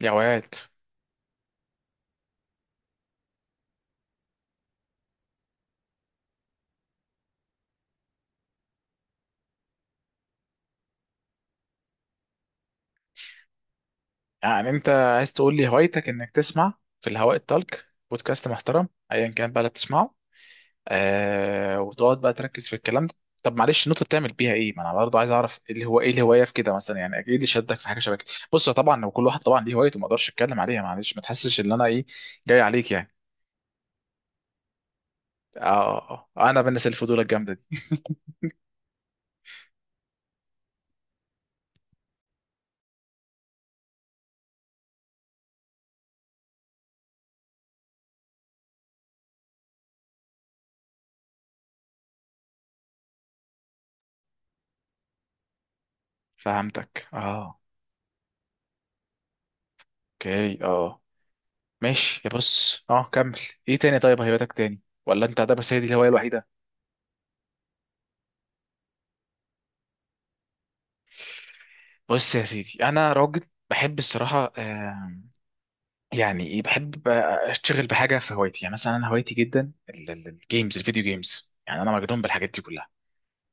يا واد، يعني انت عايز تقول لي هوايتك انك تسمع في الهواء الطلق بودكاست محترم ايا كان بقى اللي بتسمعه. وتقعد بقى تركز في الكلام ده. طب معلش النقطه بتعمل بيها ايه؟ ما انا برضه عايز اعرف ايه اللي هو ايه الهوايه في كده مثلا، يعني ايه اللي شدك في حاجه شبه كده؟ بص، طبعا هو كل واحد طبعا ليه هوايته، ما اقدرش اتكلم عليها، معلش ما تحسش ان انا ايه جاي عليك يعني. اه، انا بالناس الفضول الجامده دي. فهمتك، اه. اوكي، اه. ماشي، يا بص اه كمل. ايه تاني؟ طيب هوايتك تاني، ولا انت ده بس هي دي الهوايه الوحيده؟ بص يا سيدي، انا راجل بحب الصراحه. يعني ايه، بحب بقى اشتغل بحاجه في هوايتي. يعني مثلا انا هوايتي جدا الجيمز، الفيديو جيمز. يعني انا مجنون بالحاجات دي كلها.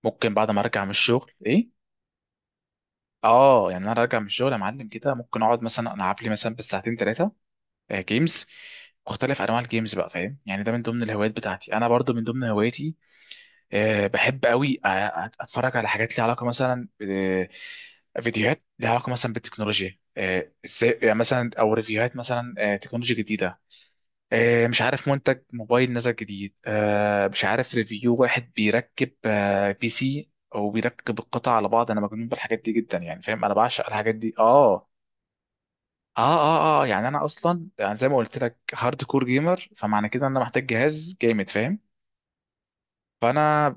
ممكن بعد ما ارجع من الشغل ايه، اه، يعني انا راجع من الشغل يا معلم كده ممكن اقعد مثلا العب لي مثلا بالساعتين ثلاثه جيمز. مختلف انواع الجيمز بقى، فاهم؟ يعني ده من ضمن الهوايات بتاعتي. انا برضو من ضمن هواياتي، بحب قوي اتفرج على حاجات ليها علاقه مثلا، فيديوهات ليها علاقه مثلا بالتكنولوجيا، ازاي يعني مثلا، او ريفيوهات مثلا، تكنولوجيا جديده، مش عارف منتج موبايل نزل جديد، مش عارف ريفيو واحد بيركب، بي سي، او بيركب القطع على بعض. انا مجنون بالحاجات دي جدا، يعني فاهم، انا بعشق الحاجات دي، اه. اه يعني انا اصلا، يعني زي ما قلت لك، هارد كور جيمر، فمعنى كده ان انا محتاج جهاز جامد، فاهم؟ فانا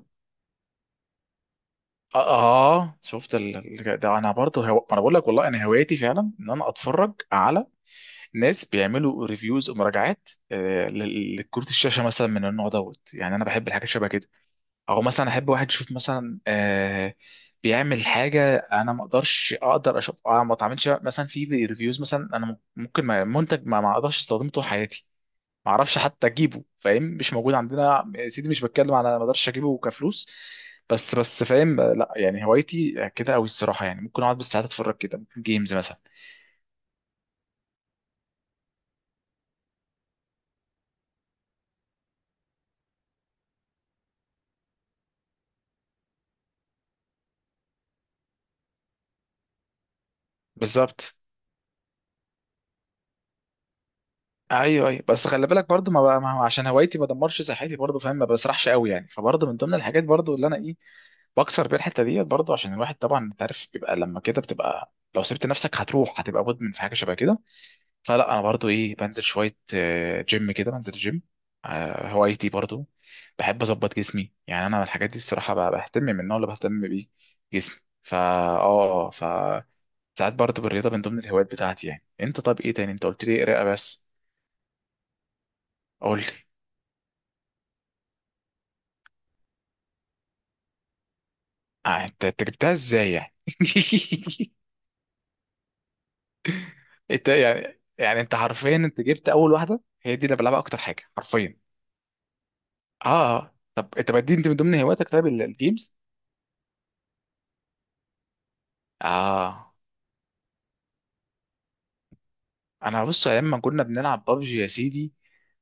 اه، شفت ده انا برضه انا بقول لك والله انا هوايتي فعلا ان انا اتفرج على ناس بيعملوا ريفيوز ومراجعات، لكروت الشاشه مثلا من النوع دوت. يعني انا بحب الحاجات شبه كده، او مثلا احب واحد يشوف مثلا، بيعمل حاجه انا ما اقدرش اقدر اشوف، ما اتعاملش مثلا في ريفيوز مثلا. انا ممكن منتج ما اقدرش استخدمه طول حياتي، معرفش حتى اجيبه، فاهم؟ مش موجود عندنا يا سيدي، مش بتكلم على ما اقدرش اجيبه كفلوس. بس فاهم؟ لا يعني هوايتي كده قوي الصراحه، يعني ممكن اقعد بالساعات اتفرج كده، ممكن جيمز مثلا. بالظبط. ايوه، بس خلي بالك برضو ما, بقى، ما هو عشان هوايتي ما دمرش صحتي برضو، فاهم؟ ما بسرحش قوي يعني. فبرضو من ضمن الحاجات برضو اللي انا ايه بكسر بيها الحته ديت برضو، عشان الواحد طبعا انت عارف بيبقى لما كده بتبقى لو سبت نفسك هتروح هتبقى مدمن في حاجه شبه كده. فلا انا برضو ايه بنزل شويه، جيم كده، بنزل جيم. هوايتي برضو بحب اظبط جسمي. يعني انا من الحاجات دي الصراحه بهتم، من النوع اللي بهتم بيه جسمي. فا اه ف ساعات برضو بالرياضه من ضمن الهوايات بتاعتي. يعني انت طب ايه تاني؟ انت قلت لي قراءه بس. قول لي. انت، أنت جبتها ازاي يعني؟ انت يعني، يعني انت حرفيا انت جبت اول واحده، هي دي اللي بلعبها اكتر حاجه حرفيا. اه، طب انت بدي انت من ضمن هواياتك طيب الجيمز؟ اه، انا بص ايام ما كنا بنلعب بابجي يا سيدي،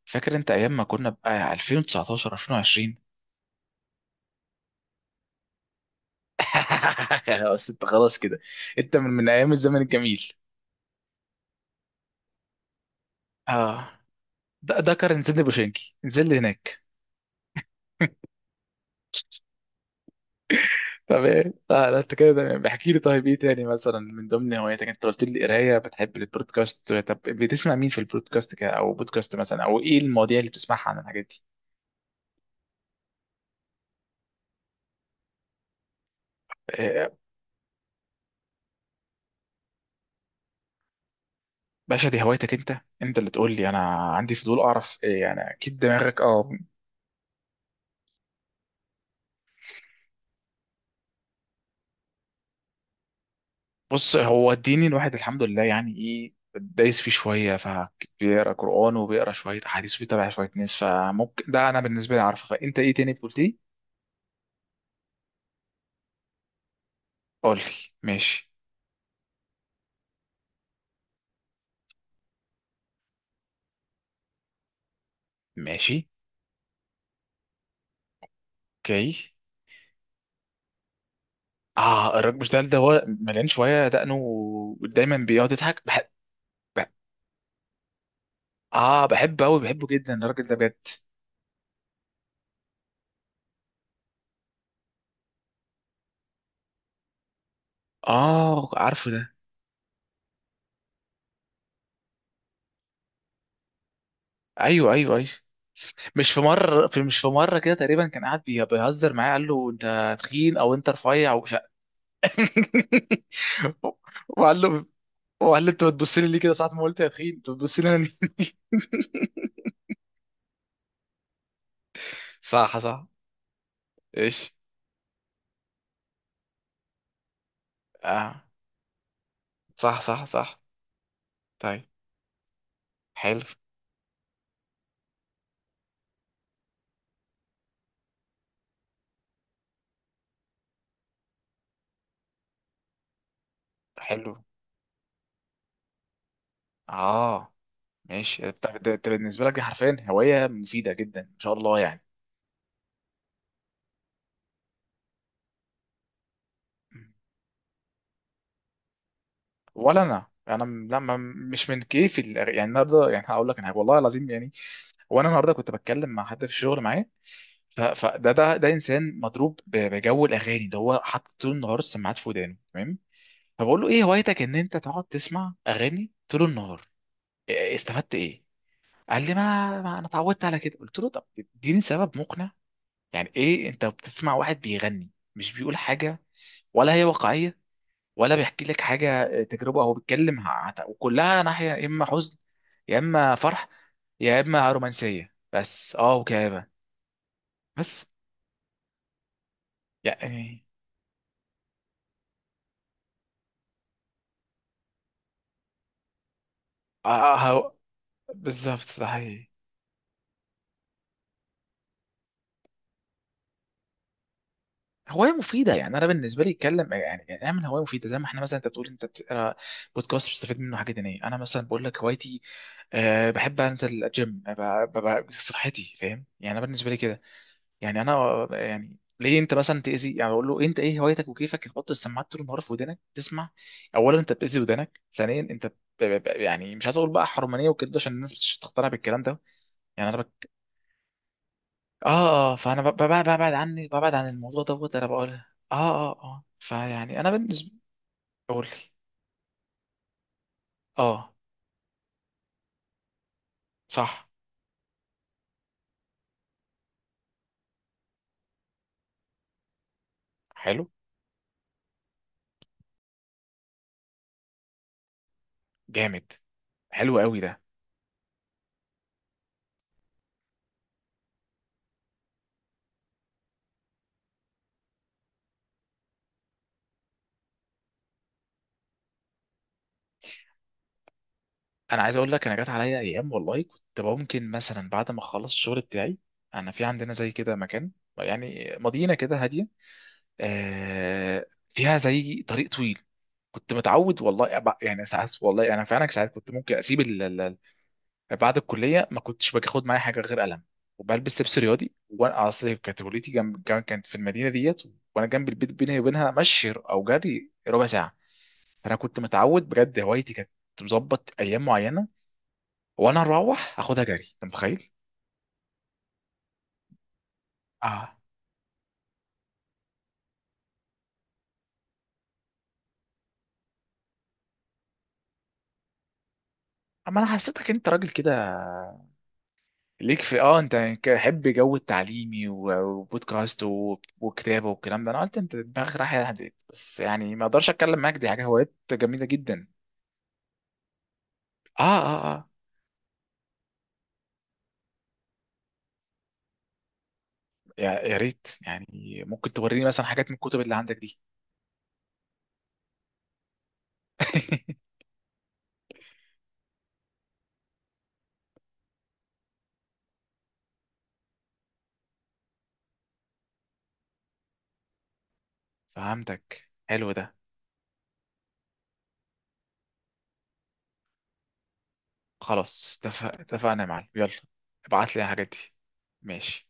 فاكر انت ايام ما كنا بقى 2019 2020؟ بس انت خلاص كده، انت من من ايام الزمن الجميل. اه، ده كان نزل لي بوشنكي نزل لي هناك. طب ايه، لا لا انت كده تمام، احكي لي. طيب ايه تاني مثلا من ضمن هواياتك؟ انت قلت لي قرايه، بتحب البودكاست، طب بتسمع مين في البودكاست كده، او بودكاست مثلا، او ايه المواضيع اللي بتسمعها عن الحاجات دي؟ آه، باشا دي هوايتك انت، انت اللي تقول لي. انا عندي فضول اعرف إيه يعني، اكيد دماغك اه. بص هو الديني الواحد الحمد لله يعني ايه دايس فيه شويه، فبيقرا قران وبيقرا شويه احاديث وبيتابع شويه ناس. فممكن ده انا بالنسبه لي عارفه، فانت ايه تاني قلت لي؟ قول لي. ماشي. ماشي. اوكي، اه، الراجل مش ده هو مليان شويه دقنه، ودايما بيقعد يضحك. بحب، بحب- اه بحبه قوي، بحبه جدا الراجل ده بجد. اه، عارفه ده. ايوه ايوه ايوه، مش في مره في مش في مره كده تقريبا كان قاعد بيهزر معايا، قال له انت تخين او انت رفيع. وقال له وقال له انت بتبص لي ليه كده ساعة ما قلت؟ يا اخي انت بتبص لي انا ليه؟ صح صح. ايش، اه، صح صح صح. طيب، حلو. حلو، اه. ماشي، طب ده بالنسبة لك دي حرفيا هواية مفيدة جدا ان شاء الله يعني. ولا انا، انا م- لا ما- مش من كيفي يعني النهارده، يعني هقول لك انا والله العظيم يعني، وانا النهارده كنت بتكلم مع حد في الشغل معايا. فده ده انسان مضروب بجو الاغاني، ده هو حاطط طول النهار السماعات في ودانه تمام. فبقول له ايه هوايتك ان انت تقعد تسمع اغاني طول النهار؟ استفدت ايه؟ قال لي ما انا اتعودت على كده. قلت له طب اديني سبب مقنع. يعني ايه انت بتسمع واحد بيغني مش بيقول حاجه، ولا هي واقعيه، ولا بيحكي لك حاجه، تجربه هو بيتكلم وكلها ناحيه، يا اما حزن، يا اما فرح، يا اما رومانسيه بس، اه، وكآبة بس يعني. هو بالظبط ده حقيقي. هواية مفيدة، يعني أنا بالنسبة لي أتكلم، يعني يعني أعمل هواية مفيدة زي ما إحنا مثلا، أنت بتقول أنت بتقرا بودكاست بتستفيد منه حاجة دينية، أنا مثلا بقول لك هوايتي أه بحب أنزل الجيم صحتي، فاهم؟ يعني أنا بالنسبة لي كده، يعني انا يعني ليه انت مثلا تاذي؟ يعني اقول له انت ايه هوايتك وكيفك تحط السماعات طول النهار في ودانك تسمع؟ اولا انت بتاذي ودانك، ثانيا انت يعني مش عايز اقول بقى حرمانيه وكده عشان الناس مش تقتنع بالكلام ده. يعني انا بك... اه اه فانا ب... ببعد ببعد عني، ببعد عن الموضوع دوت. انا بقول اه اه اه، فيعني انا بالنسبه. اقول لي. اه. صح. حلو. جامد. حلو قوي ده. انا عايز اقول لك، انا جات عليا ايام والله كنت ممكن مثلا بعد ما اخلص الشغل بتاعي، انا في عندنا زي كده مكان، يعني مدينه كده هاديه، آه فيها زي طريق طويل، كنت متعود والله يعني ساعات، والله انا فعلا ساعات كنت ممكن اسيب بعد الكليه ما كنتش باخد معايا حاجه غير قلم، وبلبس لبس رياضي. وانا اصل كانت كليتي جنب كانت في المدينه ديت، وانا جنب البيت، بيني وبينها مشي او جري ربع ساعه. فانا كنت متعود بجد، هوايتي كانت مظبط ايام معينه وانا اروح اخدها جري، انت متخيل؟ اه، اما انا حسيتك انت راجل كده ليك في اه، انت حب جو التعليمي وبودكاست وكتابه والكلام ده، انا قلت انت دماغك رايحه هديت، بس يعني ما اقدرش اتكلم معاك، دي حاجه، هوايات جميله جدا. اه اه اه، يا يا ريت يعني، ممكن توريني مثلا حاجات من الكتب اللي عندك دي؟ فهمتك، حلو ده. خلاص، اتفق، اتفقنا يا معلم، يلا ابعت لي الحاجات دي. ماشي.